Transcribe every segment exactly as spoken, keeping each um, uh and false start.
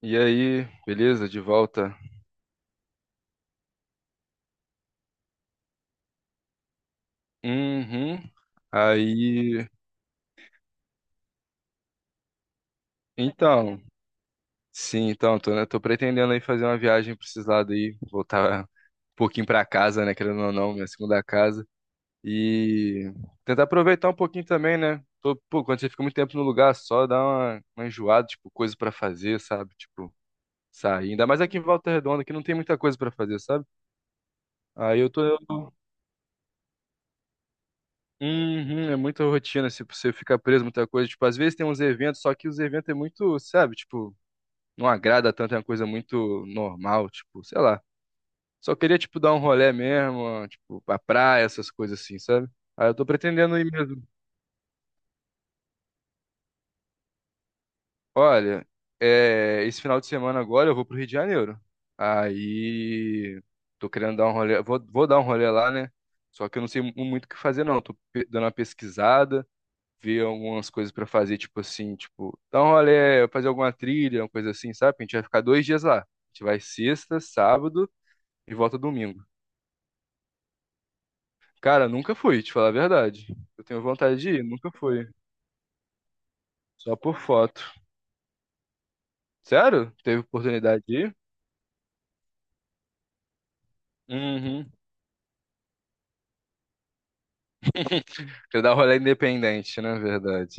E aí, beleza? De volta? Uhum. Aí, então, sim, então, tô, né, tô pretendendo aí fazer uma viagem pra esses lados aí, voltar um pouquinho pra casa, né, querendo ou não, minha segunda casa, e tentar aproveitar um pouquinho também, né? Tô, pô, quando você fica muito tempo no lugar só, dá uma, uma enjoada, tipo, coisa pra fazer, sabe? Tipo, sair. Ainda mais aqui em Volta Redonda, que não tem muita coisa pra fazer, sabe? Aí eu tô. Uhum. É muita rotina, se você ficar preso em muita coisa. Tipo, às vezes tem uns eventos, só que os eventos é muito, sabe, tipo, não agrada tanto, é uma coisa muito normal, tipo, sei lá. Só queria, tipo, dar um rolê mesmo, tipo, pra praia, essas coisas assim, sabe? Aí eu tô pretendendo ir mesmo. Olha, é, esse final de semana agora eu vou pro Rio de Janeiro. Aí tô querendo dar um rolê, vou, vou dar um rolê lá, né? Só que eu não sei mu- muito o que fazer, não. Tô pe- dando uma pesquisada. Ver algumas coisas pra fazer, tipo assim, tipo, dar um rolê, fazer alguma trilha, uma coisa assim, sabe? A gente vai ficar dois dias lá. A gente vai sexta, sábado e volta domingo. Cara, nunca fui, te falar a verdade. Eu tenho vontade de ir, nunca fui. Só por foto. Sério? Teve oportunidade de ir? Uhum. Quer dar um rolê independente, né? Verdade.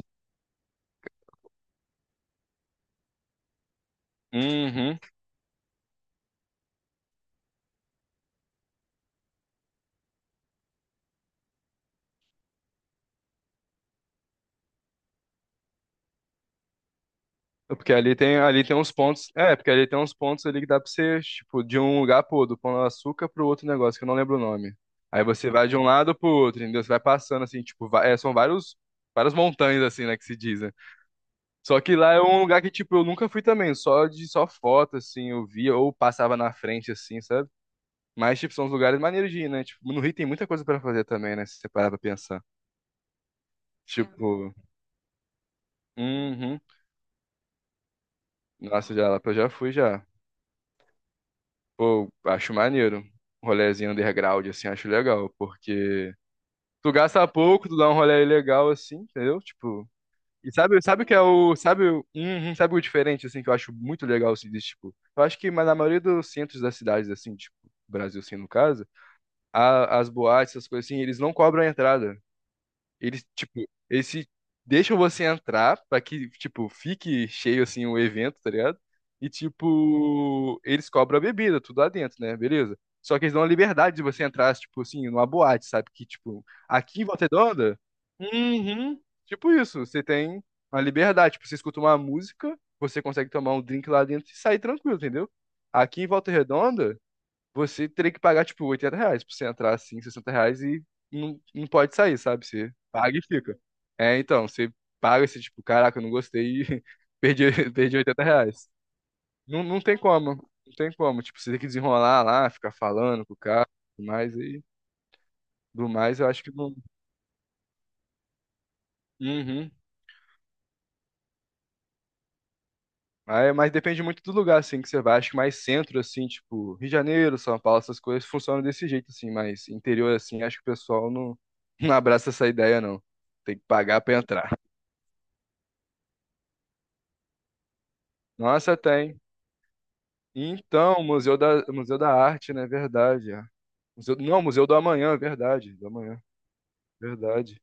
Uhum. Porque ali tem, ali tem uns pontos. É, porque ali tem uns pontos ali que dá pra você, tipo, de um lugar pro outro, do Pão de Açúcar pro outro negócio, que eu não lembro o nome. Aí você vai de um lado pro outro, entendeu? Você vai passando assim, tipo, va- é, são vários, várias montanhas, assim, né, que se dizem. Só que lá é um lugar que, tipo, eu nunca fui também, só de só foto, assim, eu via, ou passava na frente, assim, sabe? Mas, tipo, são os lugares maneiros de ir, né? Tipo, no Rio tem muita coisa pra fazer também, né? Se você parar pra pensar. Tipo, uhum. Nossa, já lá eu já fui já. Pô, acho maneiro. Um rolezinho underground, assim, acho legal, porque tu gasta pouco, tu dá um rolê legal, assim, entendeu? Tipo, e sabe, sabe o que é o, sabe, o- uhum, sabe o diferente, assim, que eu acho muito legal, assim, desse, tipo, eu acho que mas na maioria dos centros das cidades, assim, tipo, Brasil, assim, no caso, a- as boates, essas coisas assim, eles não cobram a entrada. Eles, tipo, eles se- deixam você entrar pra que, tipo, fique cheio, assim, o evento, tá ligado? E, tipo, eles cobram a bebida, tudo lá dentro, né? Beleza. Só que eles dão a liberdade de você entrar, tipo, assim, numa boate, sabe? Que, tipo, aqui em Volta Redonda, uhum, tipo isso, você tem uma liberdade. Tipo, você escuta uma música, você consegue tomar um drink lá dentro e sair tranquilo, entendeu? Aqui em Volta Redonda, você teria que pagar, tipo, oitenta reais pra você entrar, assim, sessenta reais e não, não pode sair, sabe? Você paga e fica. É, então, você paga esse tipo, caraca, eu não gostei e perdi, perdi oitenta reais. Não, não tem como, não tem como. Tipo, você tem que desenrolar lá, ficar falando com o cara, tudo mais, e do mais eu acho que não. Uhum. Aí, mas depende muito do lugar, assim, que você vai. Acho que mais centro, assim, tipo, Rio de Janeiro, São Paulo, essas coisas funcionam desse jeito, assim. Mas interior, assim, acho que o pessoal não, não abraça essa ideia, não. Tem que pagar pra entrar. Nossa, tem. Então, Museu da, Museu da Arte, né? Verdade. É. Museu, não, Museu do Amanhã, verdade. Do Amanhã, verdade.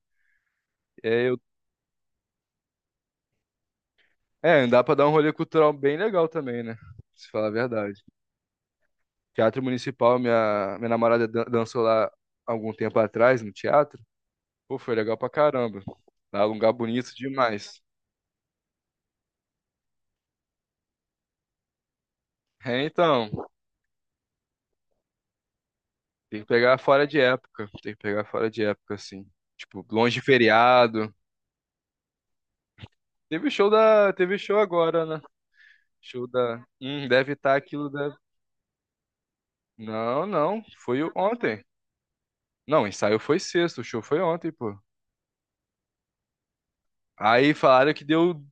É, eu, é, dá pra dar um rolê cultural bem legal também, né? Se falar a verdade. Teatro Municipal, minha, minha namorada dan- dançou lá algum tempo atrás, no teatro. Pô, foi legal pra caramba. Lá é um lugar bonito demais. É, então, tem que pegar fora de época. Tem que pegar fora de época, assim. Tipo, longe de feriado. Teve show da. Teve show agora, né? Show da. Hum, deve estar aquilo da. Não, não. Foi o- ontem. Não, o ensaio foi sexta. O show foi ontem, pô. Aí falaram que deu,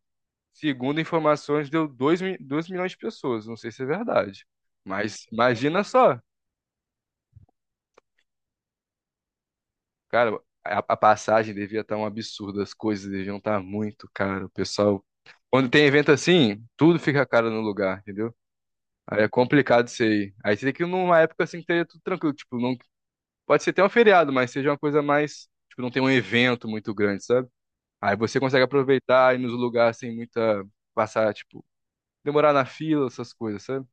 segundo informações, deu dois, mi- dois milhões de pessoas. Não sei se é verdade. Mas imagina só. Cara, a, a passagem devia estar um absurdo, as coisas deviam estar muito caro. O pessoal, quando tem evento assim, tudo fica caro no lugar, entendeu? Aí é complicado isso aí. Aí você tem que ir numa época assim que esteja tudo tranquilo, tipo, não pode ser até um feriado, mas seja uma coisa mais, tipo, não tem um evento muito grande, sabe? Aí você consegue aproveitar e nos lugares sem muita passar, tipo, demorar na fila, essas coisas, sabe?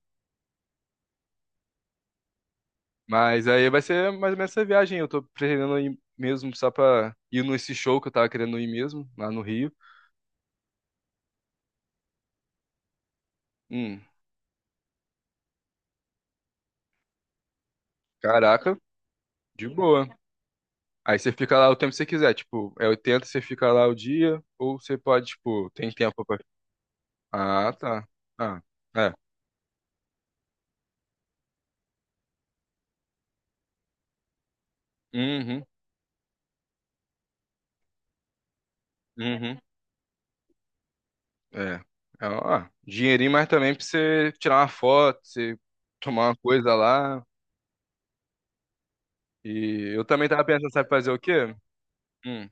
Mas aí vai ser mais ou menos essa viagem. Eu tô pretendendo ir mesmo só pra ir nesse show que eu tava querendo ir mesmo, lá no Rio. Hum, Caraca, de boa. Aí você fica lá o tempo que você quiser, tipo, é oitenta você fica lá o dia, ou você pode, tipo, tem tempo pra... Ah, tá. Ah, é. Uhum, uhum, é. É, ó, dinheirinho, mas também pra você tirar uma foto, você tomar uma coisa lá. E eu também tava pensando, sabe fazer o quê? Hum.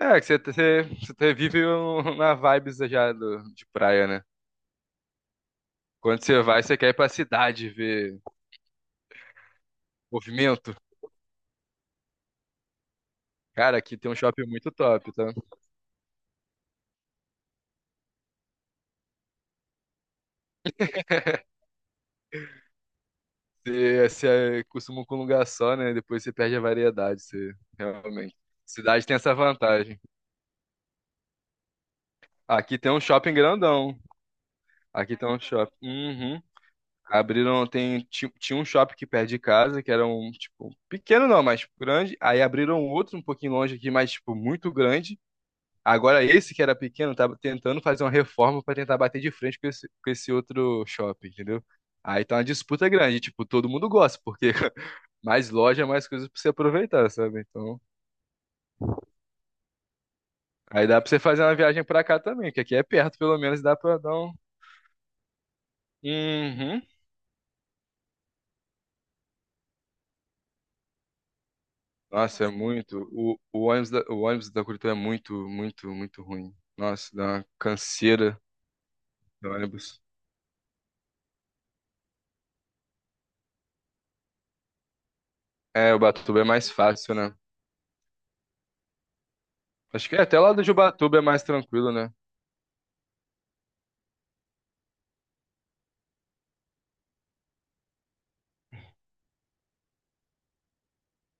É, que você, você, você vive um- na vibes já do, de praia, né? Quando você vai, você quer ir pra cidade ver movimento. Cara, aqui tem um shopping muito top, tá? Você, você costuma com um lugar só, né? Depois você perde a variedade, você realmente. Cidade tem essa vantagem. Aqui tem um shopping grandão. Aqui tem um shopping. Uhum. Abriram, tem, ti- tinha um shopping que perto de casa, que era um, tipo, pequeno não, mas grande. Aí abriram um outro um pouquinho longe aqui, mas, tipo, muito grande. Agora esse que era pequeno, tava tentando fazer uma reforma para tentar bater de frente com esse, com esse outro shopping, entendeu? Aí tá uma disputa grande, tipo, todo mundo gosta, porque mais loja, mais coisas pra você aproveitar, sabe? Então, aí dá pra você fazer uma viagem pra cá também, que aqui é perto, pelo menos dá pra dar um. Uhum. Nossa, é muito. O, o ônibus da, o ônibus da Curitiba é muito, muito, muito ruim. Nossa, dá uma canseira do ônibus. É, o Ubatuba é mais fácil, né? Acho que até lá do Ubatuba é mais tranquilo, né?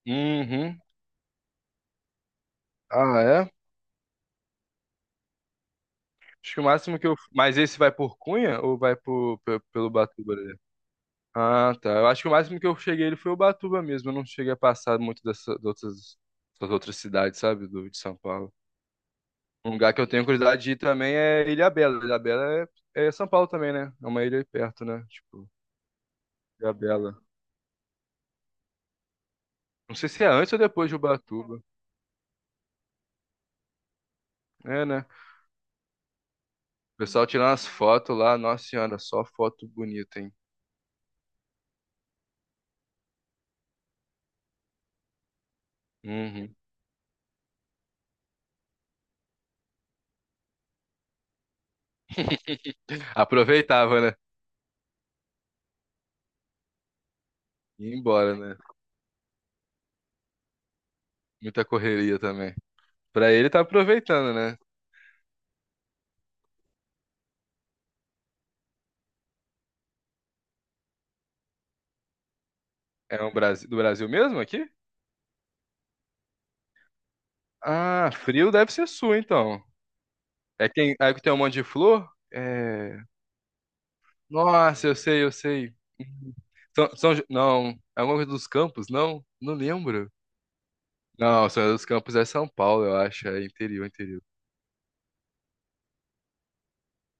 Uhum. Ah, é? Acho que o máximo que eu. Mas esse vai por Cunha ou vai por, pe- pelo Ubatuba? Ah, tá. Eu acho que o máximo que eu cheguei ele foi Ubatuba mesmo. Eu não cheguei a passar muito dessa, de outras, das outras cidades, sabe? Do, de São Paulo. Um lugar que eu tenho curiosidade de ir também é Ilhabela. Ilhabela é, é São Paulo também, né? É uma ilha aí perto, né? Tipo, Ilhabela. Não sei se é antes ou depois de Ubatuba. É, né? O pessoal tirando as fotos lá. Nossa senhora, só foto bonita, hein? Uhum. Aproveitava, né? Ia embora, né? Muita correria também. Pra ele tá aproveitando, né? É um Brasil, do Brasil mesmo aqui? Ah, frio deve ser sua, então. É quem, é que tem um monte de flor? É... Nossa, eu sei, eu sei. Uhum. São, São Jo- Não, é alguma coisa dos Campos, não? Não lembro. Não, São José dos Campos é São Paulo, eu acho. É interior, interior.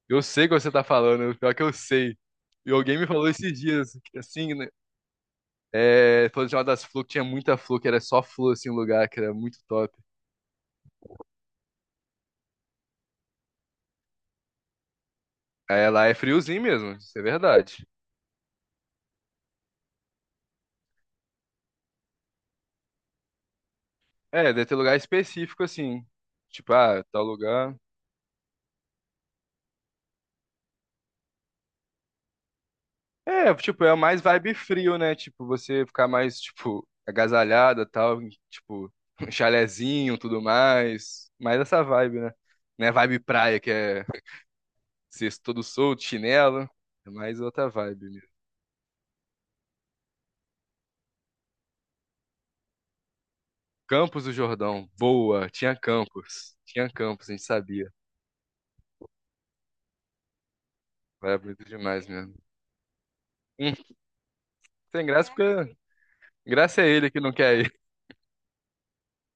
Eu sei o que você tá falando, pior é que eu sei. E alguém me falou esses dias, que assim, né? É, falou de uma das flores que tinha muita flor, que era só flor, assim, um lugar que era muito top. É, lá é friozinho mesmo, isso é verdade. É, deve ter lugar específico, assim. Tipo, ah, tal lugar. É, tipo, é mais vibe frio, né? Tipo, você ficar mais, tipo, agasalhada, tal, tipo, um chalezinho, tudo mais. Mais essa vibe, né? Não é vibe praia, que é ser todo solto, chinelo. É mais outra vibe mesmo. Campos do Jordão, boa. Tinha Campos. Tinha Campos, a gente sabia. Era bonito demais mesmo. Hum, tem graça porque... Graça é ele que não quer ir.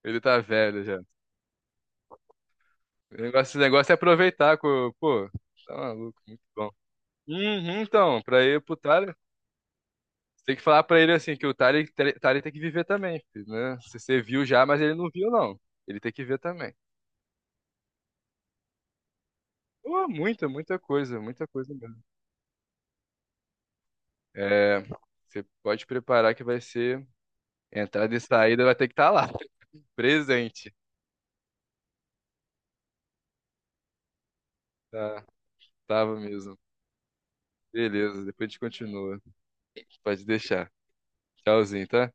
Ele tá velho já. O negócio, o negócio é aproveitar, com pô. Tá maluco, muito bom. Uhum, então, pra ir pro Thales. Você tem que falar pra ele assim, que o Tali, Tali tem que viver também, filho, né? Se você viu já, mas ele não viu, não. Ele tem que ver também. Pô, muita, muita coisa, muita coisa mesmo. É, você pode preparar que vai ser entrada e saída, vai ter que estar lá, presente. Tá, tava mesmo. Beleza, depois a gente continua. Pode deixar. Tchauzinho, tá?